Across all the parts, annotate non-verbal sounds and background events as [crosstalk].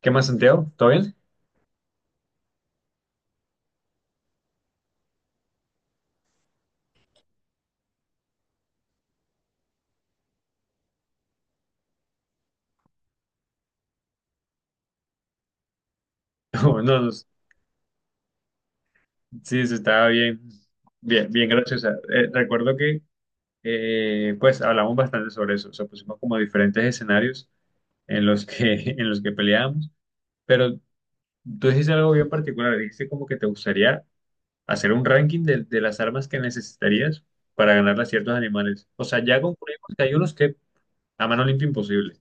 ¿Qué más, Santiago? ¿Todo bien? [laughs] No, no, sí, sí, estaba bien, bien, bien graciosa. Recuerdo que, hablamos bastante sobre eso. O sea, pusimos como diferentes escenarios en los que, [laughs] en los que peleábamos. Pero tú dijiste algo bien particular. Dijiste como que te gustaría hacer un ranking de las armas que necesitarías para ganarle a ciertos animales. O sea, ya concluimos que hay unos que a mano limpia imposible.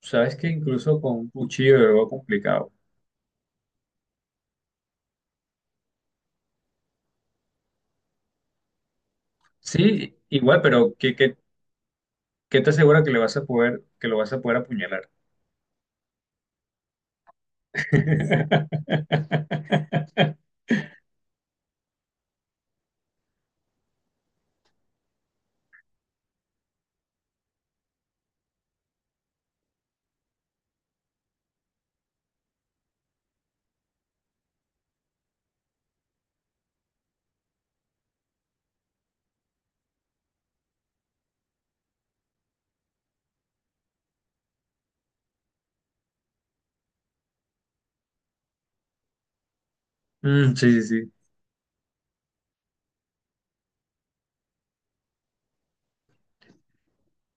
Sabes que incluso con un cuchillo es algo complicado. Sí, igual, pero ¿qué te asegura que le vas a poder, que lo vas a poder apuñalar? [laughs] Mm, sí, sí, sí.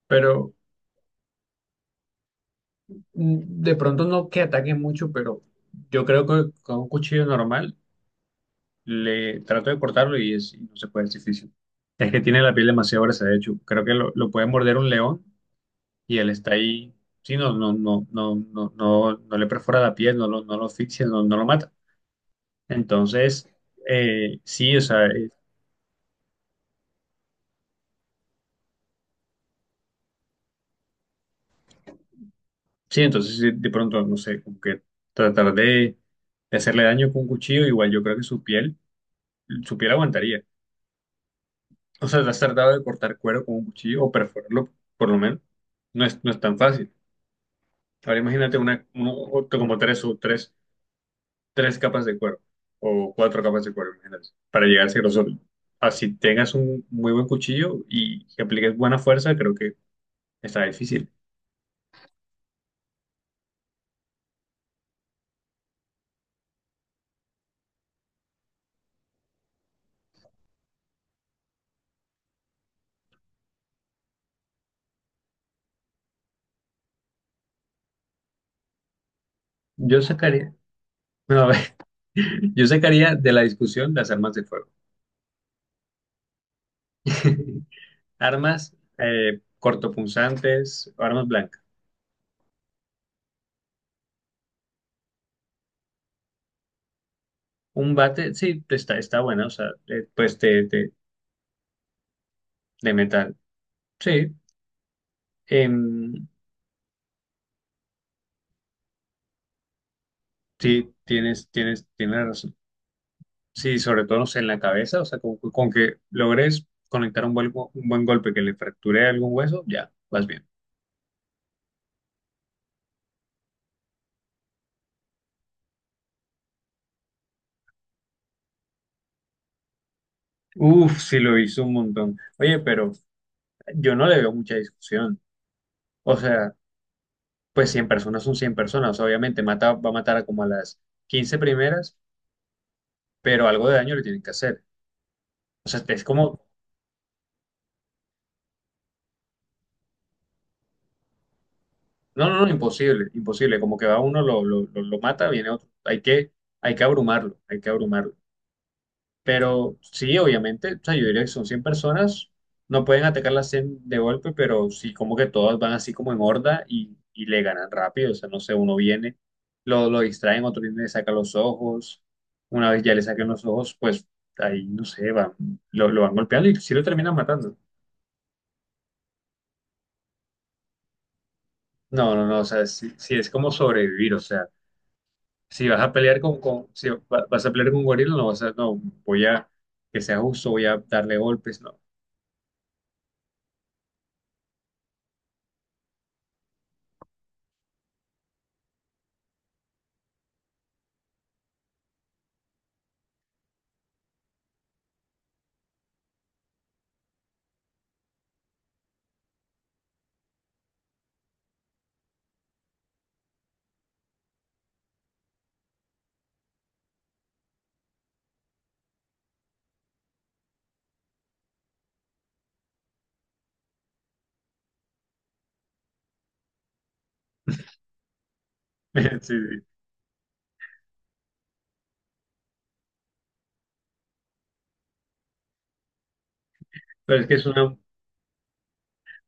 Pero de pronto no que ataque mucho, pero yo creo que con un cuchillo normal le trato de cortarlo y, es, y no se puede, es difícil. Es que tiene la piel demasiado gruesa, de hecho. Creo que lo puede morder un león y él está ahí. Sí, no, no, no, no, no, no, no le perfora la piel, no lo, no lo asfixia, no, no lo mata. Entonces, sí, o sea, sí, entonces sí, de pronto, no sé, como que tratar de hacerle daño con un cuchillo, igual yo creo que su piel aguantaría. O sea, ¿te has tratado de cortar cuero con un cuchillo o perforarlo, por lo menos? No es, no es tan fácil. Ahora imagínate como tres o tres, tres capas de cuero o cuatro capas de cuero, imagínate, para llegar a ese grosor. Así tengas un muy buen cuchillo y que apliques buena fuerza, creo que está difícil. Yo sacaría, [laughs] no, a ver, [laughs] yo sacaría de la discusión las armas de fuego. [laughs] Armas cortopunzantes, armas blancas. Un bate, sí, está, está buena, o sea, pues de metal. Sí, em, sí, tienes, tienes razón. Sí, sobre todo, no sé, en la cabeza, o sea, con que logres conectar un buen golpe que le fracture algún hueso, ya, vas bien. Uf, sí lo hizo un montón. Oye, pero yo no le veo mucha discusión. O sea, pues 100 personas son 100 personas. O sea, obviamente, mata, va a matar a como a las 15 primeras, pero algo de daño le tienen que hacer. O sea, es como, no, no, no, imposible, imposible, como que va uno, lo mata, viene otro. Hay que abrumarlo, hay que abrumarlo. Pero sí, obviamente, o sea, yo diría que son 100 personas, no pueden atacar las 100 de golpe, pero sí como que todas van así como en horda y le ganan rápido, o sea, no sé, uno viene, lo distraen, otro viene, le saca los ojos, una vez ya le saquen los ojos, pues ahí, no sé, van, lo van golpeando y sí lo terminan matando. No, no, no, o sea, si, si es como sobrevivir, o sea, si vas a pelear con si va- vas a pelear con un gorila, no vas a, no, voy a, que sea justo, voy a darle golpes, no. [laughs] Sí, sí. Pero es que es una,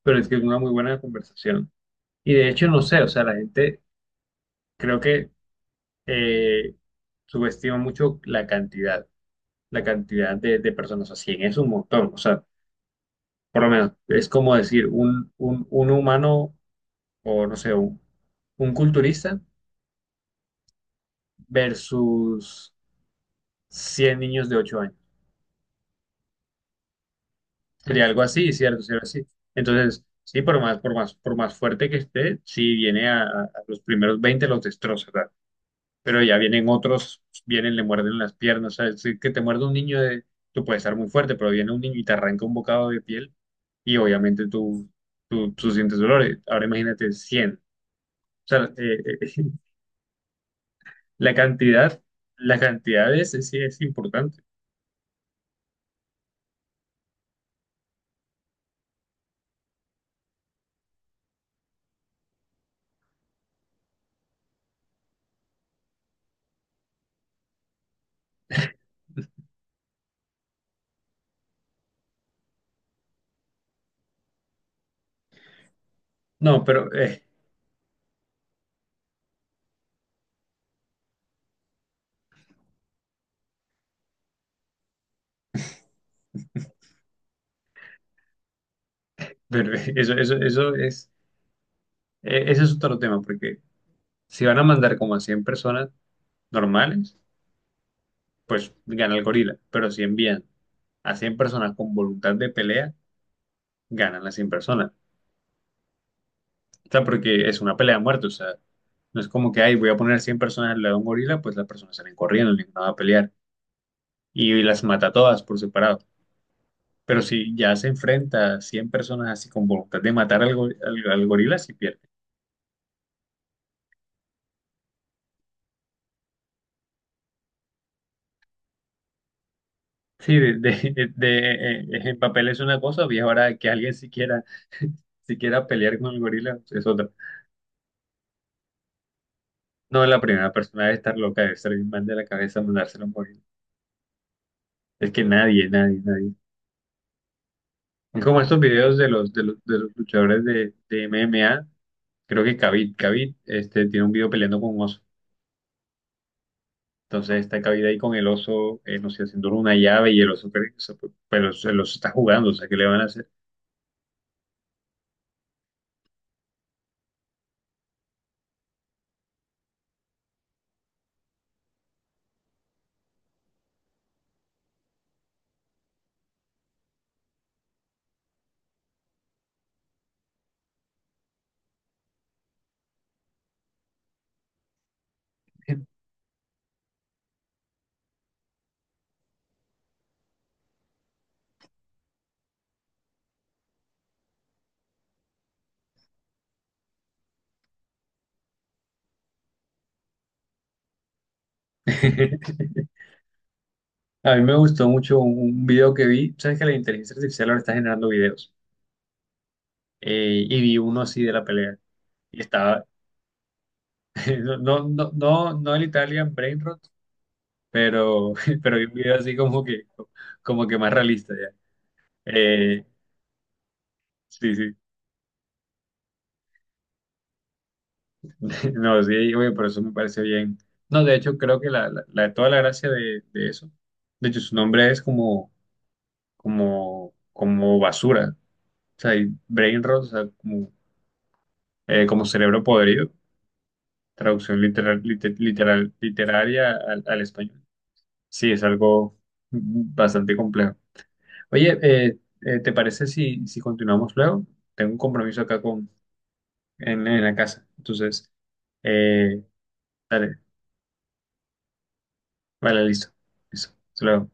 pero es que es una muy buena conversación. Y de hecho, no sé, o sea, la gente creo que eh, subestima mucho la cantidad de personas, o sea, 100 es un montón, o sea, por lo menos es como decir un humano o no sé, un culturista versus 100 niños de 8 años. Sería algo así, ¿cierto? ¿Cierto? Así. Entonces, sí, por más, por más, por más fuerte que esté, si viene a, los primeros 20 los destroza, ¿verdad? Pero ya vienen otros, vienen, le muerden las piernas, ¿sabes? Si que te muerde un niño, de, tú puedes estar muy fuerte, pero viene un niño y te arranca un bocado de piel y obviamente tú, tú sientes dolores. Ahora imagínate cien. O sea, eh, [laughs] la cantidad, la cantidad es, sí es importante. No, pero [laughs] eso es ese es otro tema, porque si van a mandar como a 100 personas normales, pues gana el gorila. Pero si envían a 100 personas con voluntad de pelea, ganan las 100 personas. O sea, porque es una pelea a muerte. O sea, no es como que, ay, voy a poner 100 personas al lado de un gorila, pues las personas salen corriendo, ninguna va a pelear. Y las mata a todas por separado. Pero si ya se enfrenta a 100 personas así con voluntad de matar al, al gorila, si Sí, en papel es una cosa, y ahora que alguien siquiera, [laughs] siquiera pelear con el gorila es otra. No, la primera persona debe estar loca, debe estar bien mal de la cabeza mandárselo a un gorila. Es que nadie, nadie, nadie. Es como estos videos de los, de los, de los luchadores de MMA. Creo que Khabib, este, tiene un video peleando con un oso. Entonces está Khabib ahí con el oso, no sé, haciendo una llave y el oso, pero el oso está jugando, o sea, ¿qué le van a hacer? [laughs] A mí me gustó mucho un video que vi. Sabes que la inteligencia artificial ahora está generando videos. Y vi uno así de la pelea. Y estaba, [laughs] no, no, no, no el Italian Brainrot, pero, [laughs] pero vi un video así como que más realista ya. Eh, sí, sí. [laughs] No, sí, oye, por eso me parece bien. No, de hecho, creo que la- toda la gracia de eso, de hecho, su nombre es como, como, como basura. O sea, y brain Rot, o sea, como, como cerebro podrido. Traducción literal, literal, literaria al, al español. Sí, es algo bastante complejo. Oye, ¿te parece si, si continuamos luego? Tengo un compromiso acá con, en la casa. Entonces, eh, dale, vale, listo. Listo. Hasta luego.